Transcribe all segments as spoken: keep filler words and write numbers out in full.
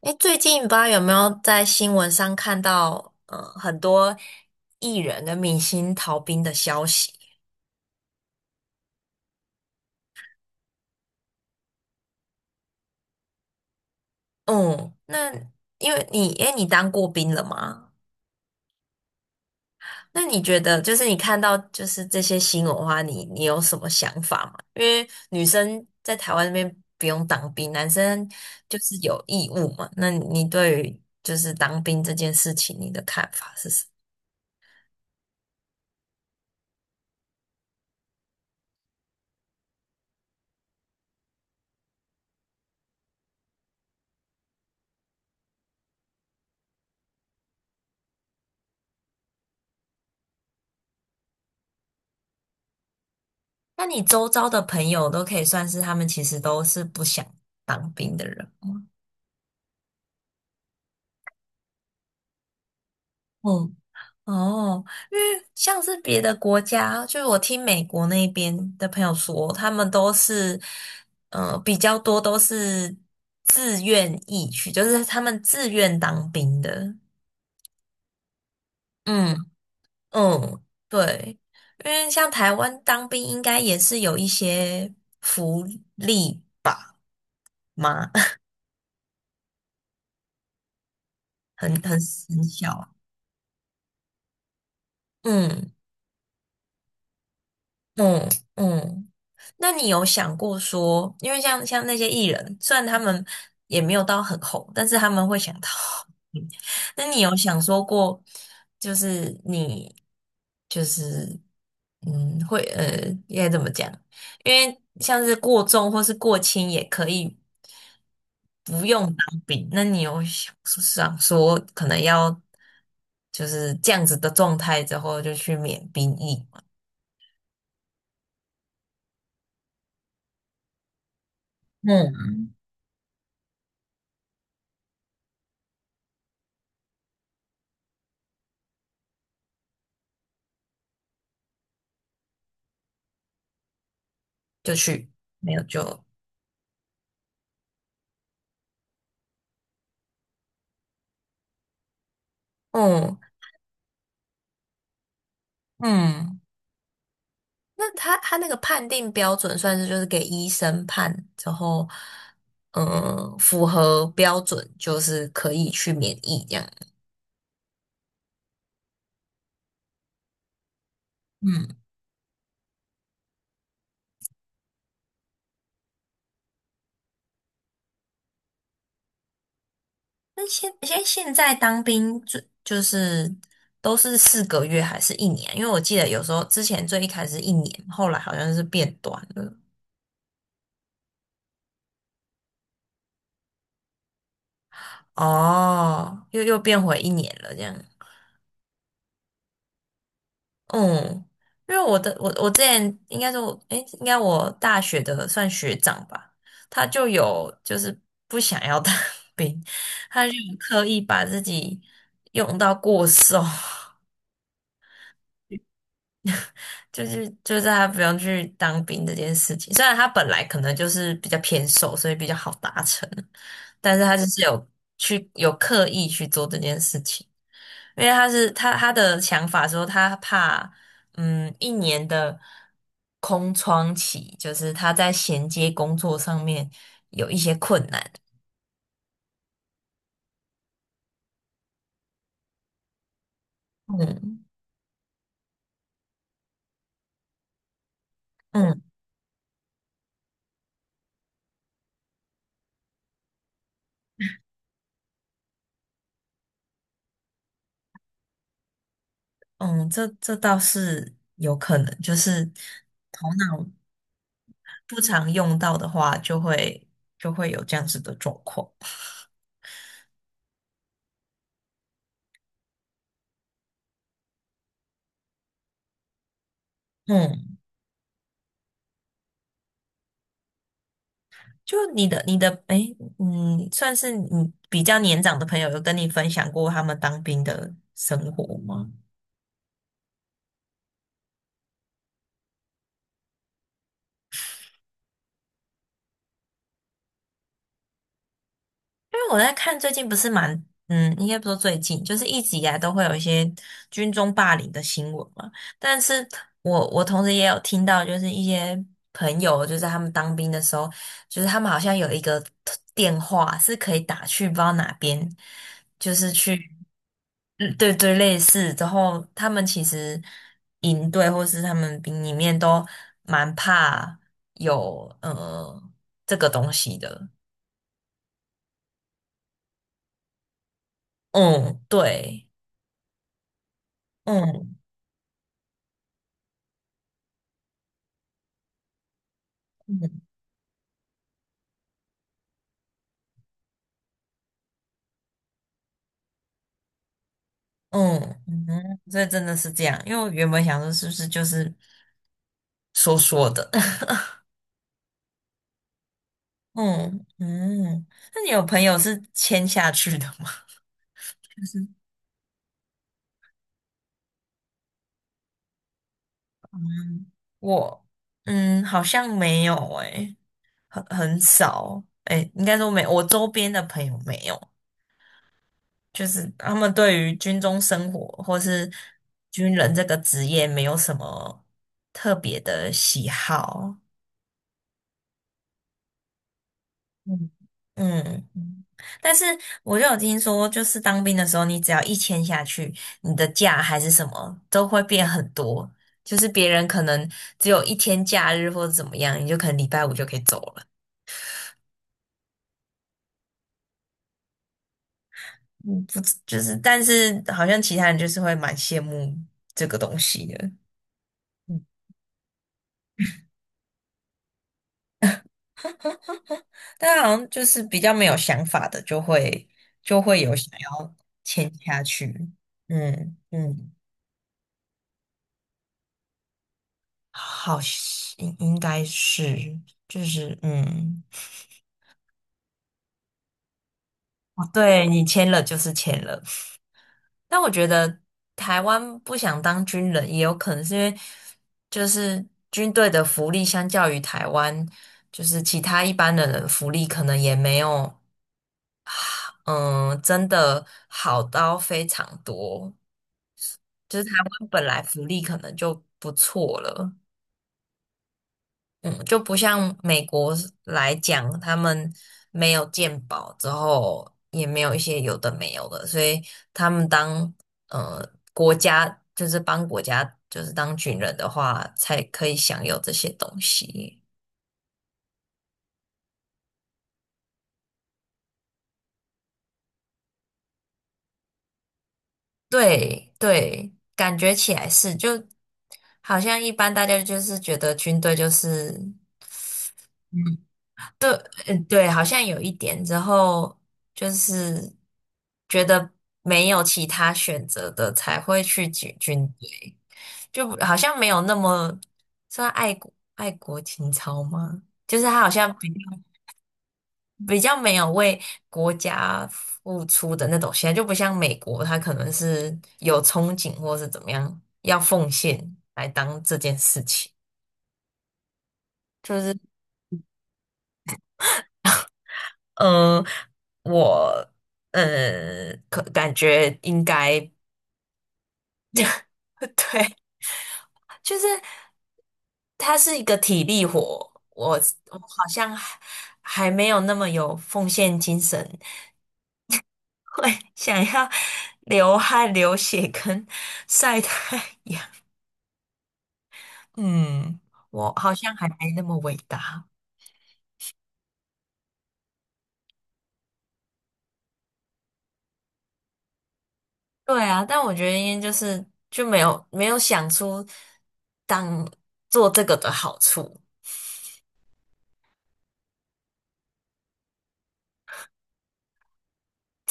哎，最近不知道有没有在新闻上看到，呃，很多艺人跟明星逃兵的消息。嗯，那因为你，哎，你当过兵了吗？那你觉得，就是你看到就是这些新闻的话，你你有什么想法吗？因为女生在台湾那边不用当兵，男生就是有义务嘛。那你对于就是当兵这件事情，你的看法是什么？那你周遭的朋友都可以算是他们其实都是不想当兵的人吗？嗯，哦，因为像是别的国家，就是我听美国那边的朋友说，他们都是，呃，比较多都是自愿意去，就是他们自愿当兵的。嗯嗯，对，因为像台湾当兵应该也是有一些福利吧？吗？很很很小。嗯嗯嗯。那你有想过说，因为像像那些艺人，虽然他们也没有到很红，但是他们会想到，那你有想说过，就是你就是嗯，会呃，应该怎么讲？因为像是过重或是过轻也可以不用当兵，那你有想想说可能要就是这样子的状态之后就去免兵役吗？嗯。就去没有就嗯。嗯，那他他那个判定标准算是就是给医生判，然后嗯符合标准就是可以去免疫这样。嗯，那现现现在当兵就就是都是四个月还是一年啊？因为我记得有时候之前最一开始是一年，后来好像是变短了。哦，又又变回一年了这样。嗯，因为我的我我之前应该说，诶，应该我大学的算学长吧，他就有就是不想要当 兵，他就有刻意把自己用到过瘦，就是就是他不用去当兵这件事情。虽然他本来可能就是比较偏瘦，所以比较好达成，但是他就是有去有刻意去做这件事情。因为他是他他的想法说他怕，嗯，一年的空窗期，就是他在衔接工作上面有一些困难。嗯嗯嗯，这这倒是有可能，就是头脑不常用到的话，就会就会有这样子的状况。嗯，就你的你的，诶，嗯，算是你比较年长的朋友有跟你分享过他们当兵的生活吗？因为我在看最近不是蛮，嗯，应该不说最近，就是一直以来都会有一些军中霸凌的新闻嘛。但是我我同时也有听到，就是一些朋友，就是他们当兵的时候，就是他们好像有一个电话是可以打去不知道哪边，就是去，嗯，对对，类似。之后他们其实营队或是他们兵里面都蛮怕有呃这个东西的。嗯，对。嗯嗯嗯嗯，所以真的是这样，因为我原本想说是不是就是说说的，嗯嗯，那你有朋友是签下去的吗？就是嗯我嗯好像没有诶、很很少诶、应该说没，我周边的朋友没有，就是他们对于军中生活或是军人这个职业没有什么特别的喜好，嗯嗯，嗯但是我就有听说，就是当兵的时候，你只要一签下去，你的假还是什么都会变很多，就是别人可能只有一天假日或者怎么样，你就可能礼拜五就可以走了。嗯，不知就是，但是好像其他人就是会蛮羡慕这个东西的，但好像就是比较没有想法的，就会就会有想要签下去。嗯嗯。好像应该是，就是嗯，哦，对你签了就是签了。但我觉得台湾不想当军人，也有可能是因为就是军队的福利相较于台湾，就是其他一般的人的福利可能也没有，嗯，真的好到非常多。就是台湾本来福利可能就不错了。嗯，就不像美国来讲，他们没有健保之后，也没有一些有的没有的，所以他们当呃国家就是帮国家就是当军人的话，才可以享有这些东西。对对，感觉起来是，就好像一般大家就是觉得军队就是。对，嗯，对，好像有一点，之后就是觉得没有其他选择的才会去军军队，就好像没有那么算爱国爱国情操吗？就是他好像比较比较没有为国家付出的那种心态，就不像美国，他可能是有憧憬或是怎么样，要奉献来当这件事情，就是。嗯。我嗯，可感觉应该 对，就是它是一个体力活，我我好像还还没有那么有奉献精神，会想要流汗、流血跟晒太阳。嗯，我好像还没那么伟大。对啊，但我觉得应该就是就没有没有想出当做这个的好处。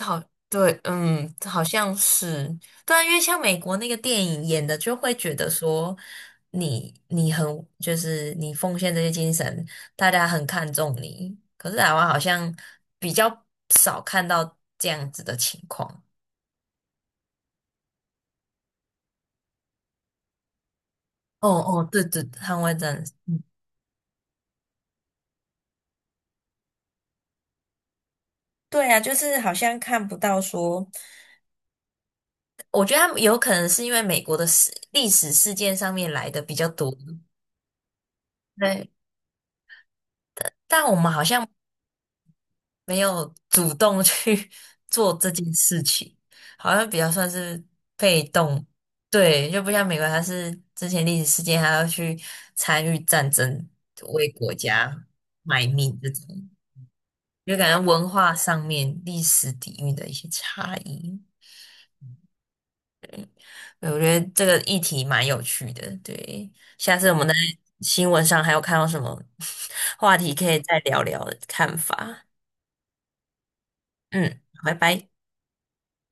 好，对，嗯，好像是，对啊，因为像美国那个电影演的，就会觉得说你你很就是你奉献这些精神，大家很看重你。可是台湾好像比较少看到这样子的情况。哦哦，对对，捍卫战士。对啊，就是好像看不到说，我觉得他们有可能是因为美国的史历史事件上面来的比较多，对，但我们好像。没有主动去 做这件事情，好像比较算是被动。对，就不像美国，它是之前历史事件，还要去参与战争，为国家卖命这种，就感觉文化上面、历史底蕴的一些差异。对，我觉得这个议题蛮有趣的。对，下次我们在新闻上还有看到什么 话题，可以再聊聊看法。嗯，拜拜。